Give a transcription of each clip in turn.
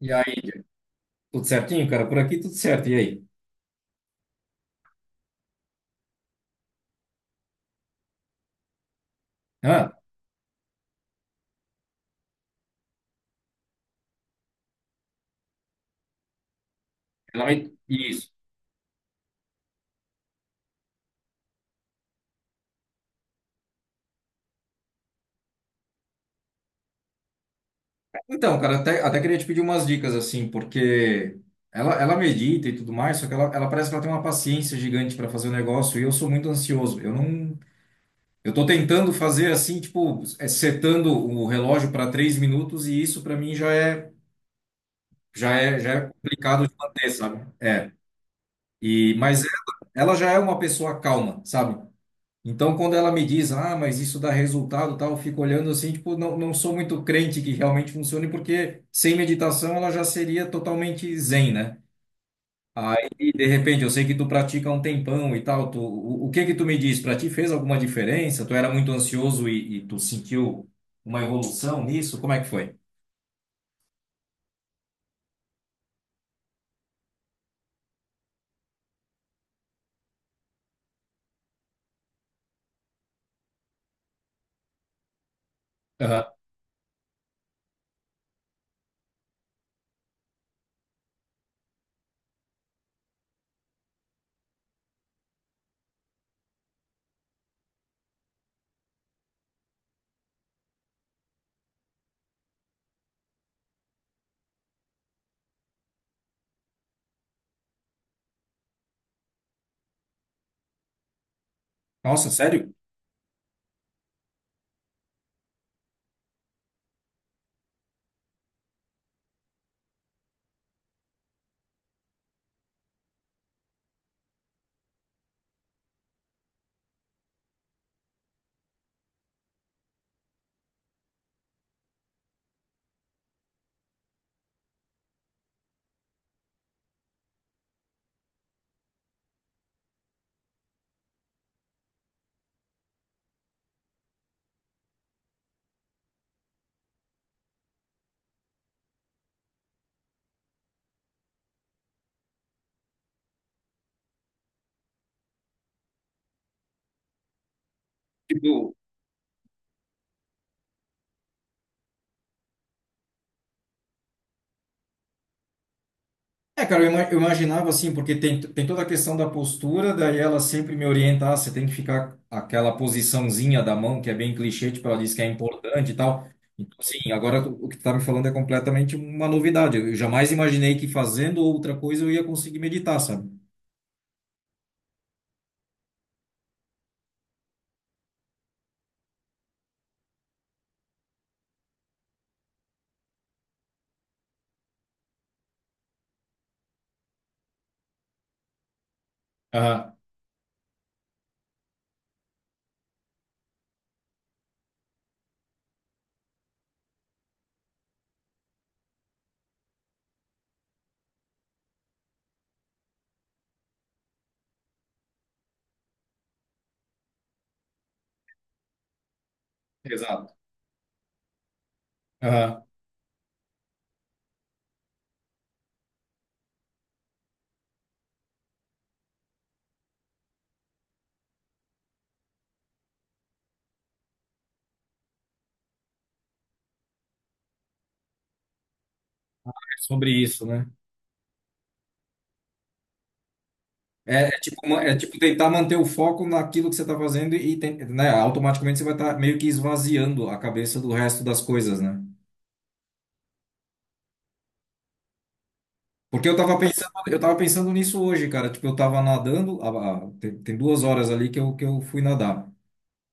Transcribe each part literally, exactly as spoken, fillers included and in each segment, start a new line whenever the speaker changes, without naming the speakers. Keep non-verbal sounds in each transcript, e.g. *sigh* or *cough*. E aí, Diego, tudo certinho, cara? Por aqui tudo certo. E aí? Ah. Ela me- Isso. Então, cara, até, até queria te pedir umas dicas, assim, porque ela, ela medita e tudo mais, só que ela, ela parece que ela tem uma paciência gigante para fazer o negócio e eu sou muito ansioso. Eu não. Eu tô tentando fazer assim, tipo, é, setando o relógio para três minutos e isso para mim já é, já é, já é complicado de manter, sabe? É. E, mas ela, ela já é uma pessoa calma, sabe? Então, quando ela me diz, ah, mas isso dá resultado, e tal, eu fico olhando assim, tipo, não, não sou muito crente que realmente funcione, porque sem meditação ela já seria totalmente zen, né? Aí, de repente, eu sei que tu pratica há um tempão e tal, tu, o, o que que tu me diz? Pra ti fez alguma diferença? Tu era muito ansioso e, e tu sentiu uma evolução nisso? Como é que foi? Aham. Nossa, sério? Tipo, é, cara, eu ima- eu imaginava assim, porque tem, tem toda a questão da postura, daí ela sempre me orienta, ah, você tem que ficar aquela posiçãozinha da mão, que é bem clichê, tipo, ela diz que é importante e tal. Então, assim, agora o que tu tá me falando é completamente uma novidade. Eu jamais imaginei que fazendo outra coisa eu ia conseguir meditar, sabe? Aham, exato. Aham. É sobre isso, né? É, é, tipo, uma- é tipo tentar manter o foco naquilo que você tá fazendo e, tem- né, automaticamente você vai estar meio que esvaziando a cabeça do resto das coisas, né? Porque eu tava pensando, eu tava pensando nisso hoje, cara. Tipo, eu tava nadando, a- a- tem, tem duas horas ali que eu, que eu fui nadar.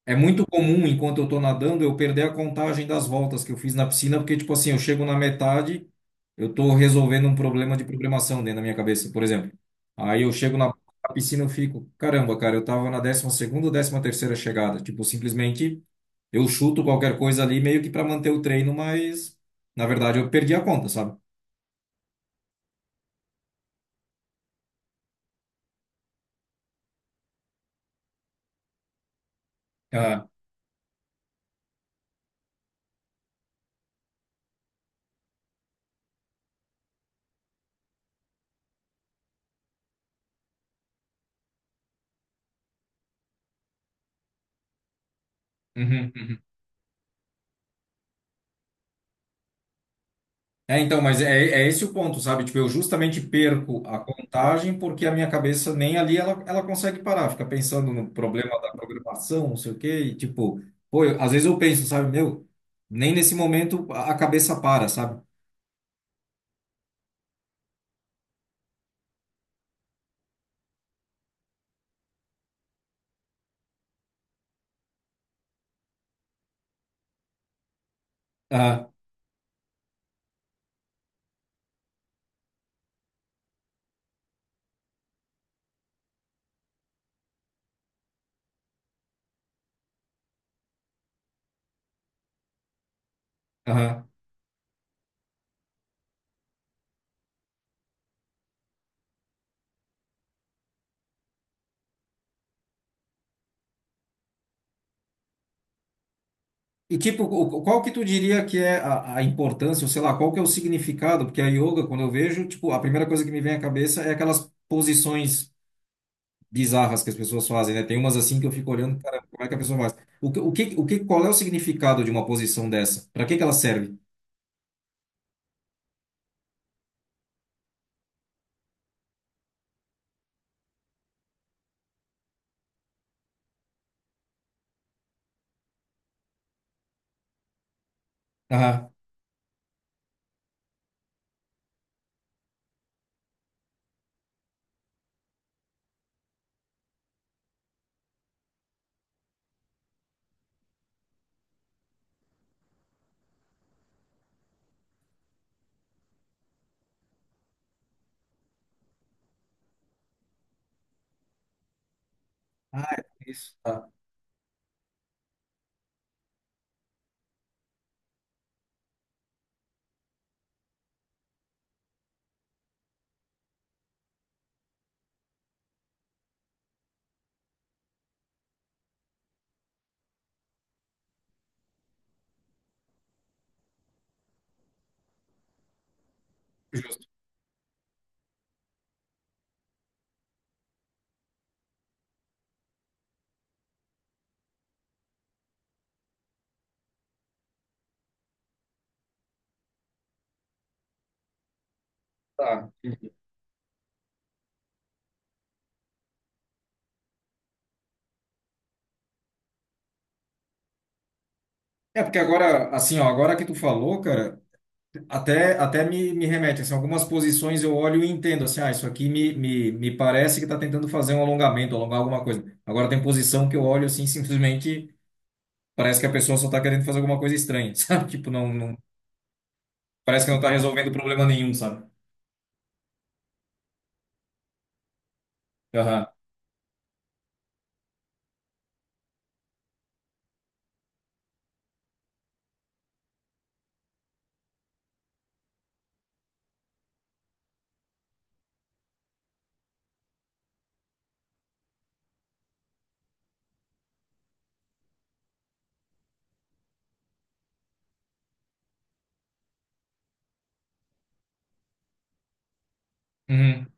É muito comum, enquanto eu tô nadando, eu perder a contagem das voltas que eu fiz na piscina, porque, tipo assim, eu chego na metade, eu tô resolvendo um problema de programação dentro da minha cabeça, por exemplo. Aí eu chego na na piscina, eu fico, caramba, cara, eu tava na décima segunda ou décima terceira chegada. Tipo, simplesmente eu chuto qualquer coisa ali, meio que para manter o treino, mas, na verdade, eu perdi a conta, sabe? Ah. Uhum, uhum. É, então, mas é, é esse o ponto, sabe? Tipo, eu justamente perco a contagem porque a minha cabeça nem ali ela, ela consegue parar, fica pensando no problema da programação, não sei o quê, e tipo, pô, eu- às vezes eu penso, sabe, meu, nem nesse momento a a cabeça para, sabe? Aham, aham. E tipo, o- qual que tu diria que é a, a importância, ou sei lá, qual que é o significado? Porque a yoga, quando eu vejo, tipo, a primeira coisa que me vem à cabeça é aquelas posições bizarras que as pessoas fazem, né? Tem umas assim que eu fico olhando, cara, como é que a pessoa faz? O que, o que, o que, qual é o significado de uma posição dessa? Para que que ela serve? Aham. Tá. É porque agora, assim, ó, agora que tu falou, cara, até, até me, me remete, assim, algumas posições eu olho e entendo, assim, ah, isso aqui me, me, me parece que tá tentando fazer um alongamento, alongar alguma coisa. Agora tem posição que eu olho, assim, simplesmente parece que a pessoa só tá querendo fazer alguma coisa estranha, *laughs* sabe? Tipo, não, não, parece que não tá resolvendo problema nenhum, sabe? Aham. Uhum.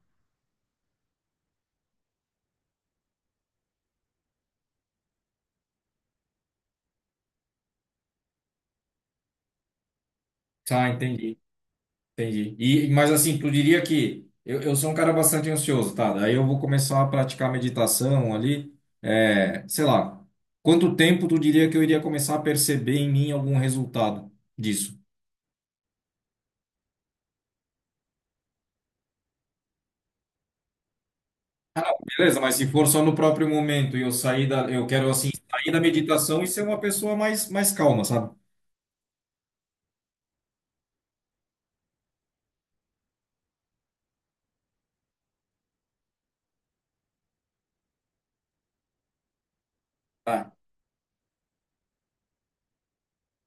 Tá, entendi. Entendi. E, mas assim, tu diria que eu, eu sou um cara bastante ansioso, tá? Daí eu vou começar a praticar meditação ali. É, sei lá, quanto tempo tu diria que eu iria começar a perceber em mim algum resultado disso? Ah, não, beleza, mas se for só no próprio momento e eu sair da, eu quero assim, sair da meditação e ser uma pessoa mais, mais calma, sabe? Tá.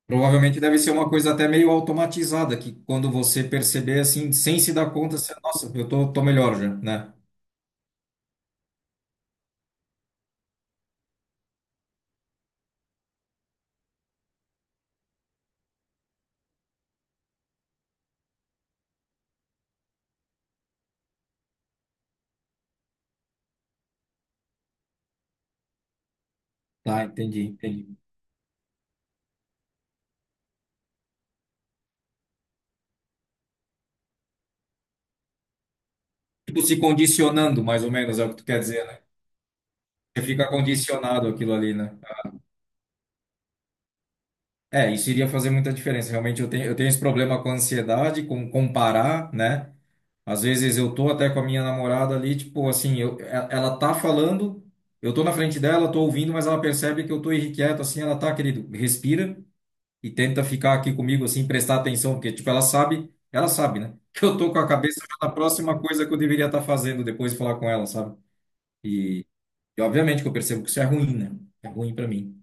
Provavelmente deve ser uma coisa até meio automatizada, que quando você perceber assim, sem se dar conta, você, nossa, eu tô, tô melhor já, né? Tá, entendi, entendi. Tipo, se condicionando, mais ou menos, é o que tu quer dizer, né? Você fica condicionado aquilo ali, né? É, isso iria fazer muita diferença. Realmente, eu tenho, eu tenho esse problema com ansiedade, com comparar, né? Às vezes eu tô até com a minha namorada ali, tipo, assim, eu, e- ela tá falando, eu tô na frente dela, tô ouvindo, mas ela percebe que eu tô irrequieto, assim, ela tá, querido, respira e tenta ficar aqui comigo, assim, prestar atenção, porque, tipo, ela sabe, ela sabe, né? *laughs* Que eu tô com a cabeça na próxima coisa que eu deveria estar fazendo depois de falar com ela, sabe? e E obviamente que eu percebo que isso é ruim, né? É ruim pra mim.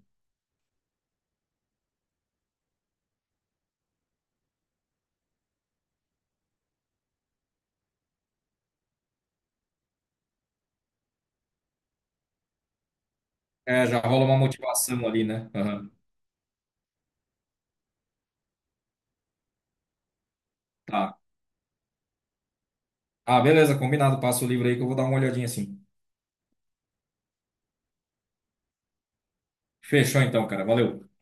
É, já rola uma motivação ali, né? Aham. Tá. Ah, beleza, combinado. Passa o livro aí que eu vou dar uma olhadinha assim. Fechou então, cara. Valeu.